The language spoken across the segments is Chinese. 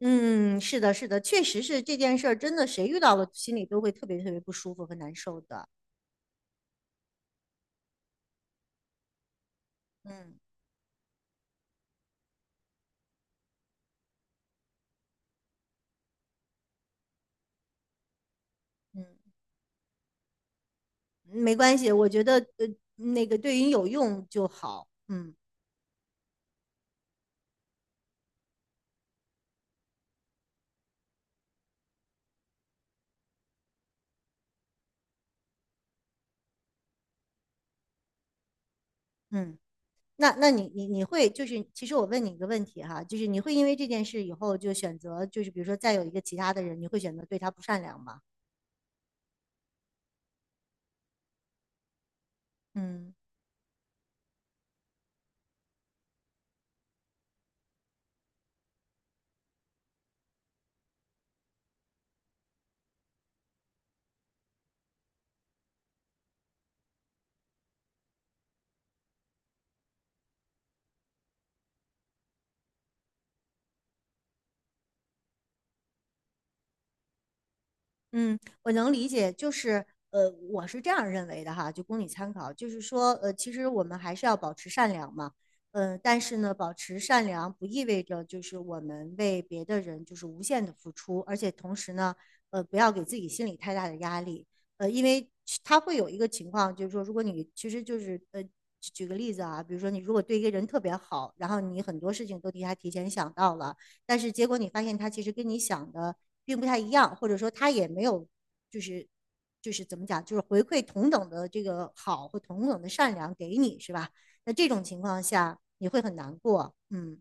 嗯，是的，是的，确实是这件事儿，真的谁遇到了，心里都会特别特别不舒服和难受的。嗯嗯，没关系，我觉得那个对于你有用就好。嗯嗯，那你会就是，其实我问你一个问题哈，就是你会因为这件事以后就选择，就是比如说再有一个其他的人，你会选择对他不善良吗？嗯。嗯，我能理解，就是我是这样认为的哈，就供你参考。就是说，其实我们还是要保持善良嘛。但是呢，保持善良不意味着就是我们为别的人就是无限的付出，而且同时呢，不要给自己心里太大的压力。因为其他会有一个情况，就是说，如果你其实就是举个例子啊，比如说你如果对一个人特别好，然后你很多事情都替他提前想到了。但是结果你发现他其实跟你想的并不太一样，或者说他也没有就是就是怎么讲，就是回馈同等的这个好或同等的善良给你，是吧？那这种情况下你会很难过。嗯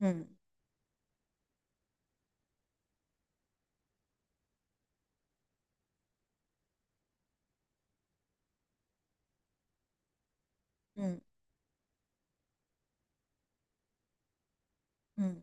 嗯嗯嗯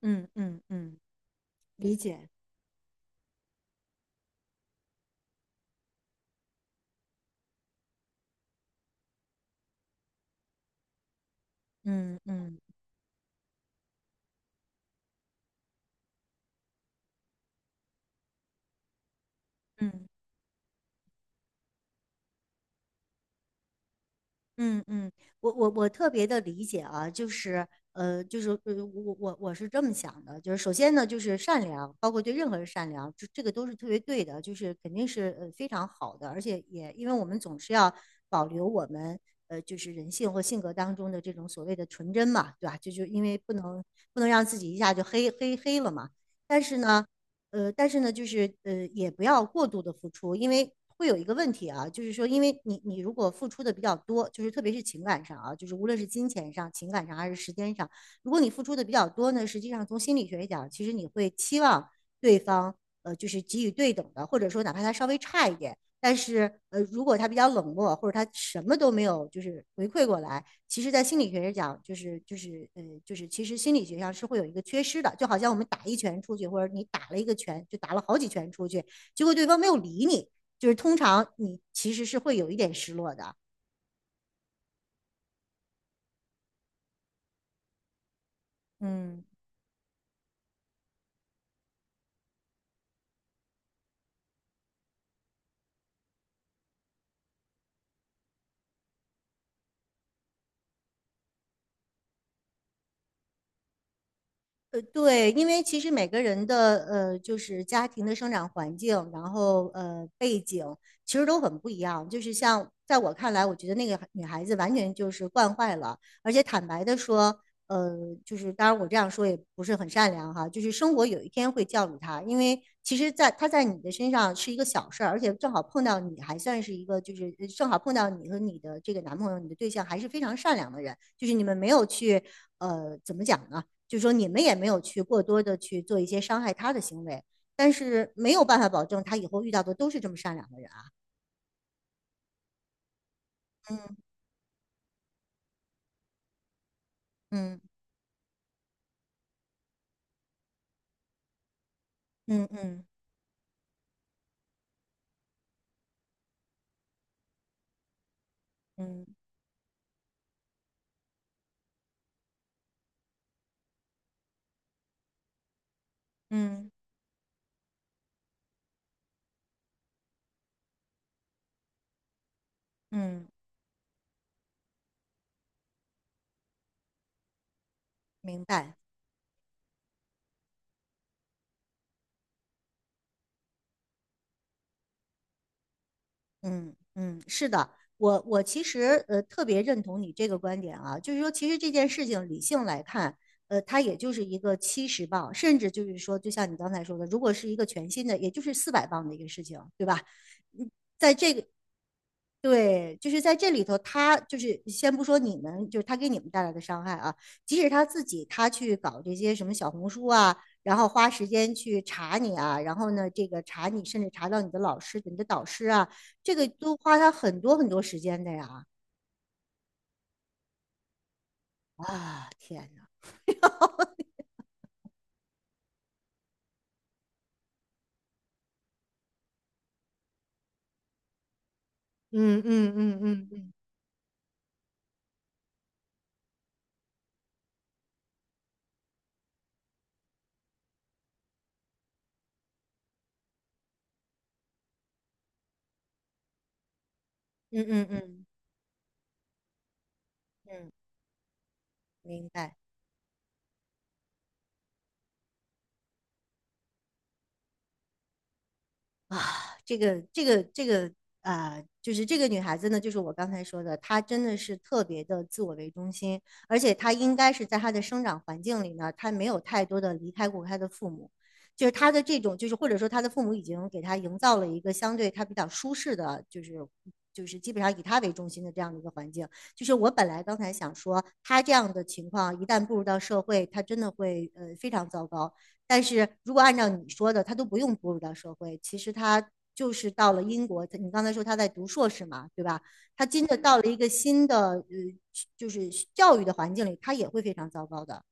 嗯嗯嗯，理解，嗯嗯嗯。嗯嗯，我特别的理解啊，就是我是这么想的，就是首先呢，就是善良，包括对任何人善良，这个都是特别对的，就是肯定是非常好的，而且也因为我们总是要保留我们就是人性或性格当中的这种所谓的纯真嘛，对吧？就因为不能让自己一下就黑黑黑了嘛。但是呢，但是呢，就是也不要过度的付出，因为会有一个问题啊，就是说，因为你如果付出的比较多，就是特别是情感上啊，就是无论是金钱上、情感上还是时间上，如果你付出的比较多呢，实际上从心理学讲，其实你会期望对方就是给予对等的，或者说哪怕他稍微差一点，但是如果他比较冷漠，或者他什么都没有就是回馈过来。其实，在心理学上讲，就是其实心理学上是会有一个缺失的，就好像我们打一拳出去，或者你打了一个拳，就打了好几拳出去，结果对方没有理你，就是通常你其实是会有一点失落的。嗯。对，因为其实每个人的就是家庭的生长环境，然后背景，其实都很不一样。就是像在我看来，我觉得那个女孩子完全就是惯坏了，而且坦白的说，呃，就是当然我这样说也不是很善良哈，就是生活有一天会教育她，因为其实在她在你的身上是一个小事儿，而且正好碰到你还算是一个正好碰到你和你的这个男朋友、你的对象还是非常善良的人，就是你们没有去怎么讲呢？就是说你们也没有去过多的去做一些伤害他的行为，但是没有办法保证他以后遇到的都是这么善良的人啊。嗯嗯嗯嗯嗯嗯嗯，明白。嗯嗯，是的，我其实特别认同你这个观点啊，就是说其实这件事情理性来看，它也就是一个70磅，甚至就是说，就像你刚才说的，如果是一个全新的，也就是400磅的一个事情，对吧？对，就是在这里头，他就是先不说你们，就是他给你们带来的伤害啊，即使他自己他去搞这些什么小红书啊，然后花时间去查你啊，然后呢，这个查你，甚至查到你的老师、你的导师啊，这个都花他很多很多时间的呀。啊，天哪！嗯嗯嗯嗯嗯，嗯嗯嗯嗯，明白。啊，这个这个这个就是这个女孩子呢，就是我刚才说的，她真的是特别的自我为中心，而且她应该是在她的生长环境里呢，她没有太多的离开过她的父母，就是她的这种，就是或者说她的父母已经给她营造了一个相对她比较舒适的，就是基本上以她为中心的这样的一个环境。就是我本来刚才想说，她这样的情况一旦步入到社会，她真的会非常糟糕。但是如果按照你说的，他都不用步入到社会，其实他就是到了英国，你刚才说他在读硕士嘛，对吧？他真的到了一个新的就是教育的环境里，他也会非常糟糕的。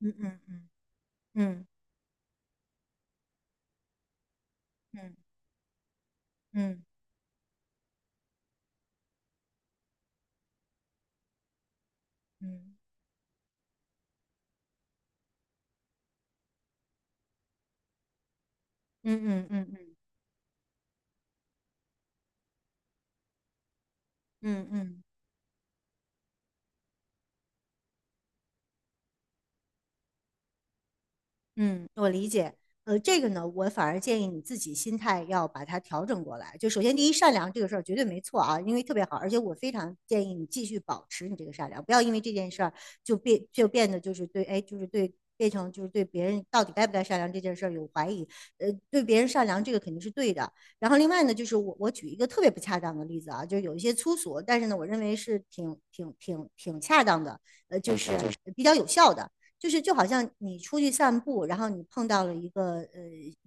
嗯嗯嗯嗯嗯嗯嗯嗯嗯嗯嗯嗯嗯嗯。嗯嗯嗯嗯嗯嗯，我理解。这个呢，我反而建议你自己心态要把它调整过来。就首先，第一，善良这个事儿绝对没错啊，因为特别好，而且我非常建议你继续保持你这个善良，不要因为这件事儿就变得就是对，哎，就是对。变成就是对别人到底该不该善良这件事儿有怀疑。对别人善良这个肯定是对的。然后另外呢，就是我举一个特别不恰当的例子啊，就是有一些粗俗，但是呢，我认为是挺恰当的，就是比较有效的。就是就好像你出去散步，然后你碰到了一个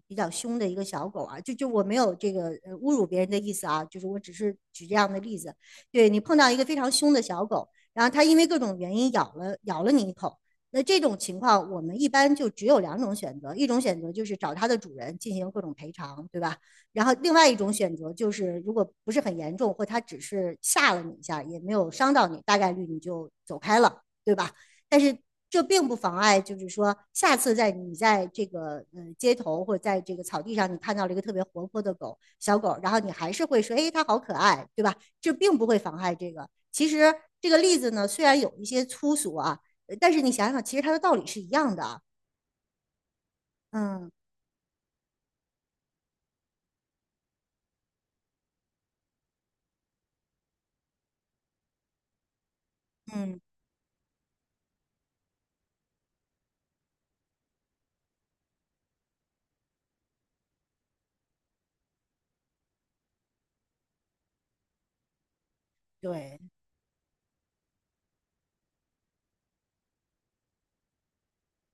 比较凶的一个小狗啊，就我没有这个侮辱别人的意思啊，就是我只是举这样的例子。对，你碰到一个非常凶的小狗，然后它因为各种原因咬了你一口，那这种情况我们一般就只有两种选择，一种选择就是找它的主人进行各种赔偿，对吧？然后另外一种选择就是，如果不是很严重，或它只是吓了你一下，也没有伤到你，大概率你就走开了，对吧？但是这并不妨碍，就是说下次在你在这个街头或者在这个草地上，你看到了一个特别活泼的狗小狗，然后你还是会说，哎，它好可爱，对吧？这并不会妨碍这个。其实这个例子呢，虽然有一些粗俗啊，但是你想想，其实它的道理是一样的啊。嗯嗯，对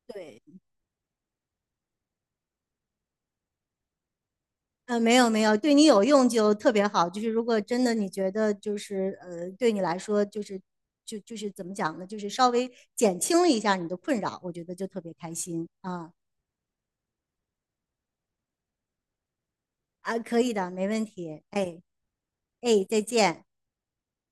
对。没有没有，对你有用就特别好。就是如果真的你觉得就是对你来说就是就是怎么讲呢？就是稍微减轻了一下你的困扰，我觉得就特别开心啊。啊，可以的，没问题。哎哎，再见。